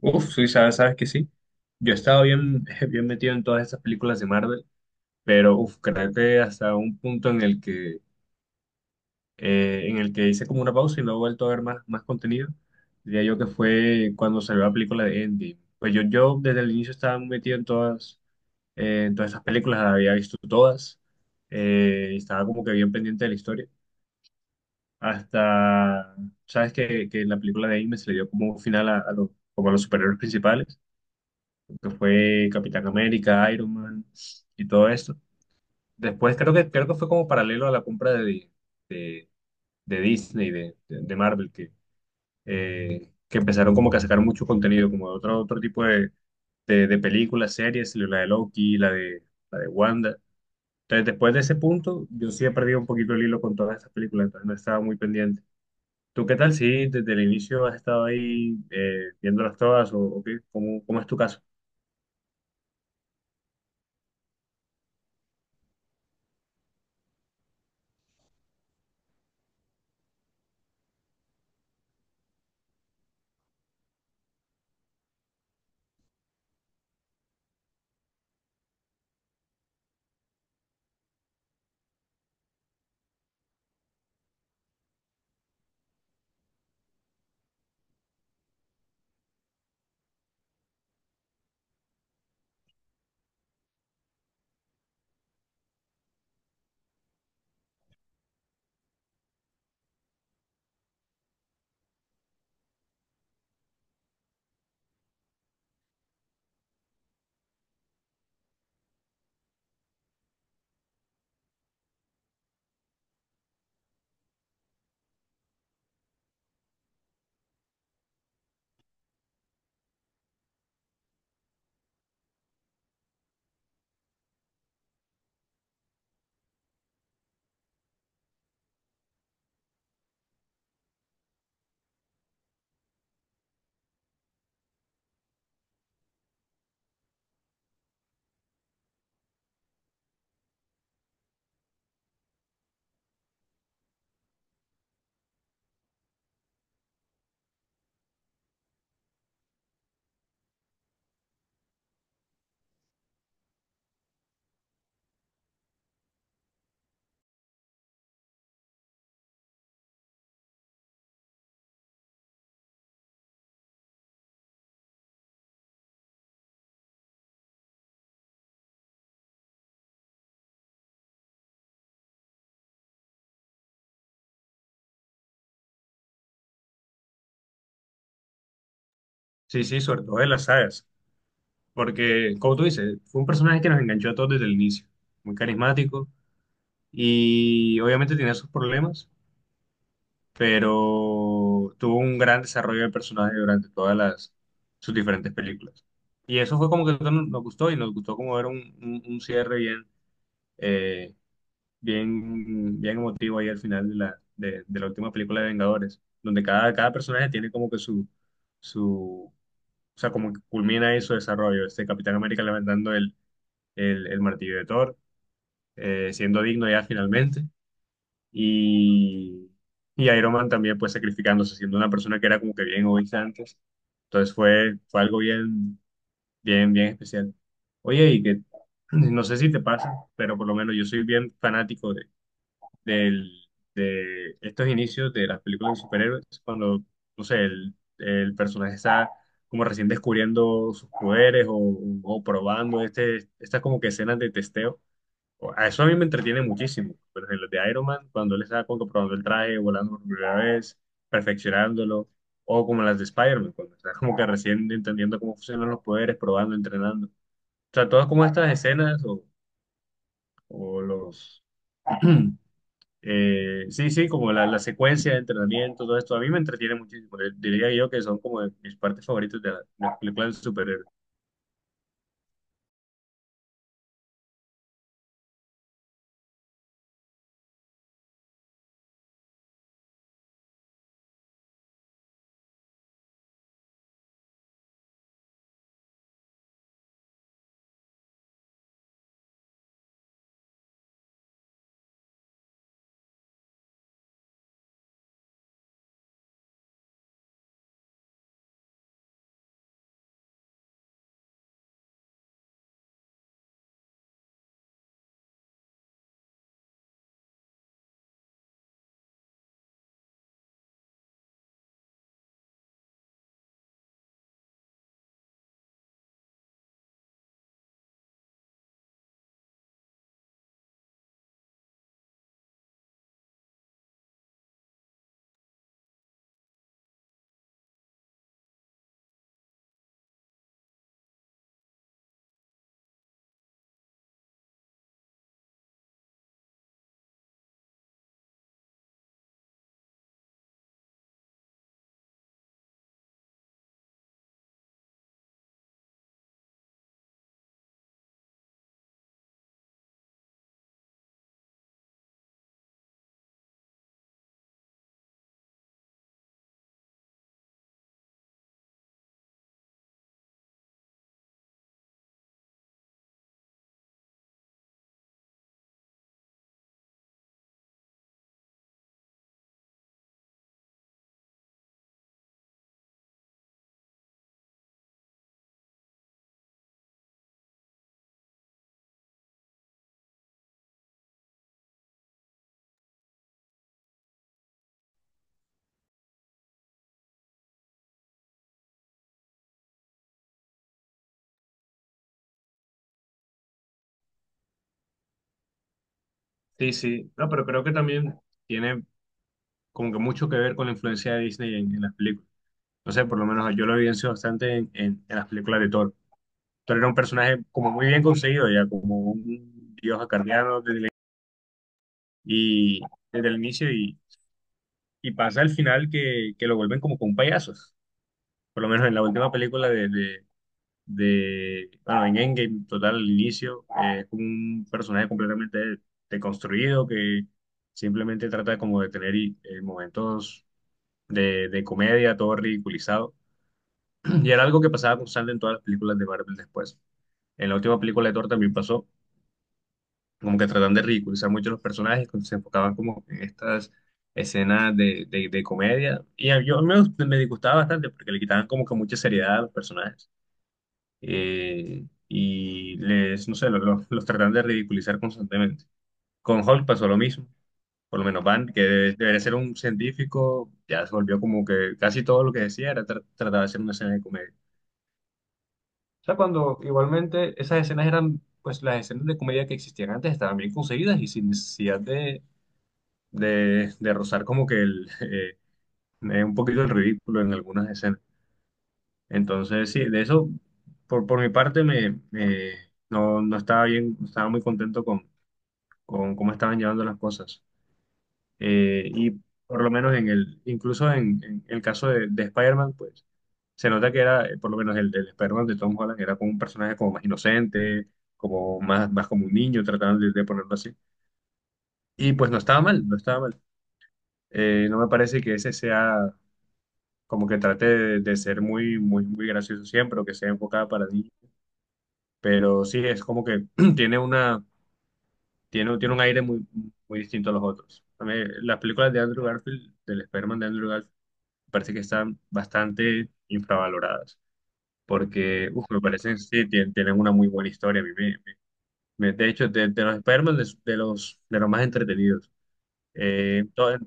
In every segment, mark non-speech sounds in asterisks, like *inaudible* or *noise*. Uf, sí, sabes, sabes que sí. Yo he estado bien, *laughs* bien metido en todas esas películas de Marvel, pero uf, creo que hasta un punto en el que hice como una pausa y no he vuelto a ver más contenido. Diría yo que fue cuando salió la película de Endgame. Pues yo desde el inicio estaba metido en todas esas películas, las había visto todas, y estaba como que bien pendiente de la historia. Hasta, sabes que en la película de Endgame se le dio como un final a los, como a los superhéroes principales, que fue Capitán América, Iron Man y todo esto. Después creo que fue como paralelo a la compra de, de Disney, de Marvel, que empezaron como que a sacar mucho contenido, como de otro, otro tipo de películas, series, la de Loki, la de Wanda. Entonces, después de ese punto, yo sí he perdido un poquito el hilo con todas esas películas, entonces no estaba muy pendiente. ¿Tú qué tal? Sí, desde el inicio has estado ahí viéndolas todas o, ¿o qué? ¿Cómo, cómo es tu caso? Sí, sí, sobre todo de las sagas. Porque, como tú dices, fue un personaje que nos enganchó a todos desde el inicio. Muy carismático y obviamente tenía sus problemas, pero tuvo un gran desarrollo de personaje durante todas las, sus diferentes películas. Y eso fue como que nos gustó y nos gustó como era un, un cierre bien, eh, bien, bien emotivo ahí al final de la, de la última película de Vengadores, donde cada, cada personaje tiene como que su, o sea, como que culmina ahí su desarrollo. Este Capitán América levantando el martillo de Thor, siendo digno ya finalmente, y, y Iron Man también pues sacrificándose, siendo una persona que era como que bien egoísta antes. Entonces fue, fue algo bien, bien, bien especial. Oye, y que *clears throat* no sé si te pasa, pero por lo menos yo soy bien fanático de, del- de estos inicios de las películas de superhéroes, cuando, no sé, el personaje está como recién descubriendo sus poderes o probando este, estas como que escenas de testeo o... A eso a mí me entretiene muchísimo. Pero en los de Iron Man, cuando él está como que probando el traje, volando por primera vez, perfeccionándolo, o como las de Spider-Man, cuando está como que recién entendiendo cómo funcionan los poderes, probando, entrenando. O sea, todas como estas escenas o los... *clears throat* sí, sí, como la secuencia de entrenamiento, todo esto, a mí me entretiene muchísimo. Diría yo que son como de mis partes favoritas de, de las películas de superhéroes. Sí, sí. No, pero creo que también tiene como que mucho que ver con la influencia de Disney en las películas. No sé, por lo menos yo lo evidencio bastante en, en las películas de Thor. Thor era un personaje como muy bien conseguido, ya como un dios acarreado desde el, y, desde el inicio y pasa al final que lo vuelven como con payasos. Por lo menos en la última película bueno, en Endgame, total, al inicio, es como un personaje completamente deconstruido que simplemente trata como de tener momentos de comedia, todo ridiculizado. *clears throat* Y era algo que pasaba constante en todas las películas de Marvel después. En la última película de Thor también pasó, como que tratan de ridiculizar mucho los personajes, cuando se enfocaban como en estas escenas de, de comedia. Yo a mí me, me disgustaba bastante porque le quitaban como que mucha seriedad a los personajes. Y les, no sé, los tratan de ridiculizar constantemente. Con Hulk pasó lo mismo. Por lo menos Van, que debería ser un científico, ya se volvió como que casi todo lo que decía era tratar de hacer una escena de comedia. O sea, cuando igualmente esas escenas eran, pues las escenas de comedia que existían antes estaban bien conseguidas y sin necesidad de rozar como que el, un poquito el ridículo en algunas escenas. Entonces, sí, de eso, por mi parte, me, no, no estaba bien, no estaba muy contento con cómo estaban llevando las cosas. Y por lo menos en el, incluso en el caso de Spider-Man, pues se nota que era, por lo menos el Spider-Man de Tom Holland era como un personaje como más inocente, como más, más como un niño, trataron de ponerlo así. Y pues no estaba mal, no estaba mal. No me parece que ese sea como que trate de ser muy, muy, muy gracioso siempre o que sea enfocada para niños. Pero sí, es como que *clears throat* tiene una, tiene, tiene un aire muy, muy distinto a los otros. A mí, las películas de Andrew Garfield, del Spider-Man de Andrew Garfield, me parece que están bastante infravaloradas, porque uf, me parece que sí, tienen una muy buena historia. A mí me- me- me- De hecho, de los Spider-Man, de los más entretenidos, en,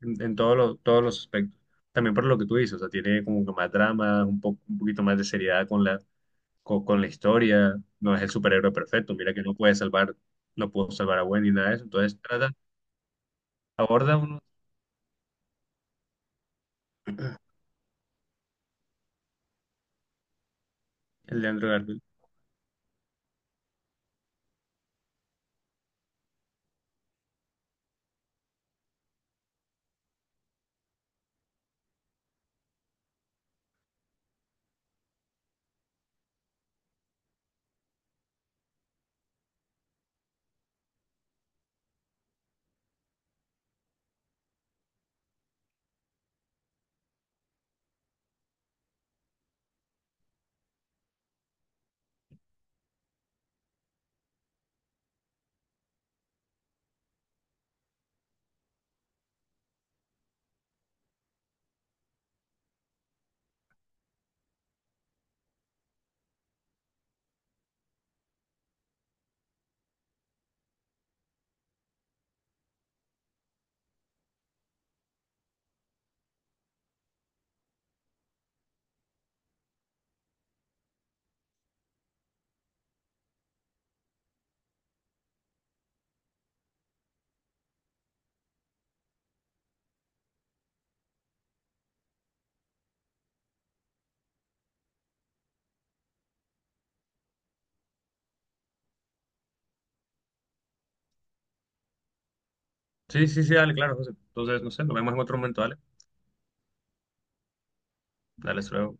en todos los aspectos. También por lo que tú dices, o sea, tiene como que más drama, un poco, un poquito más de seriedad con la historia. No es el superhéroe perfecto, mira que no puede salvar, no pudo salvar a Gwen ni nada de eso. Entonces, trata, aborda uno el de Andrew Garfield. Sí, sí, sí, dale, claro, José. Entonces, no sé, nos vemos en otro momento, dale. Dale, hasta luego.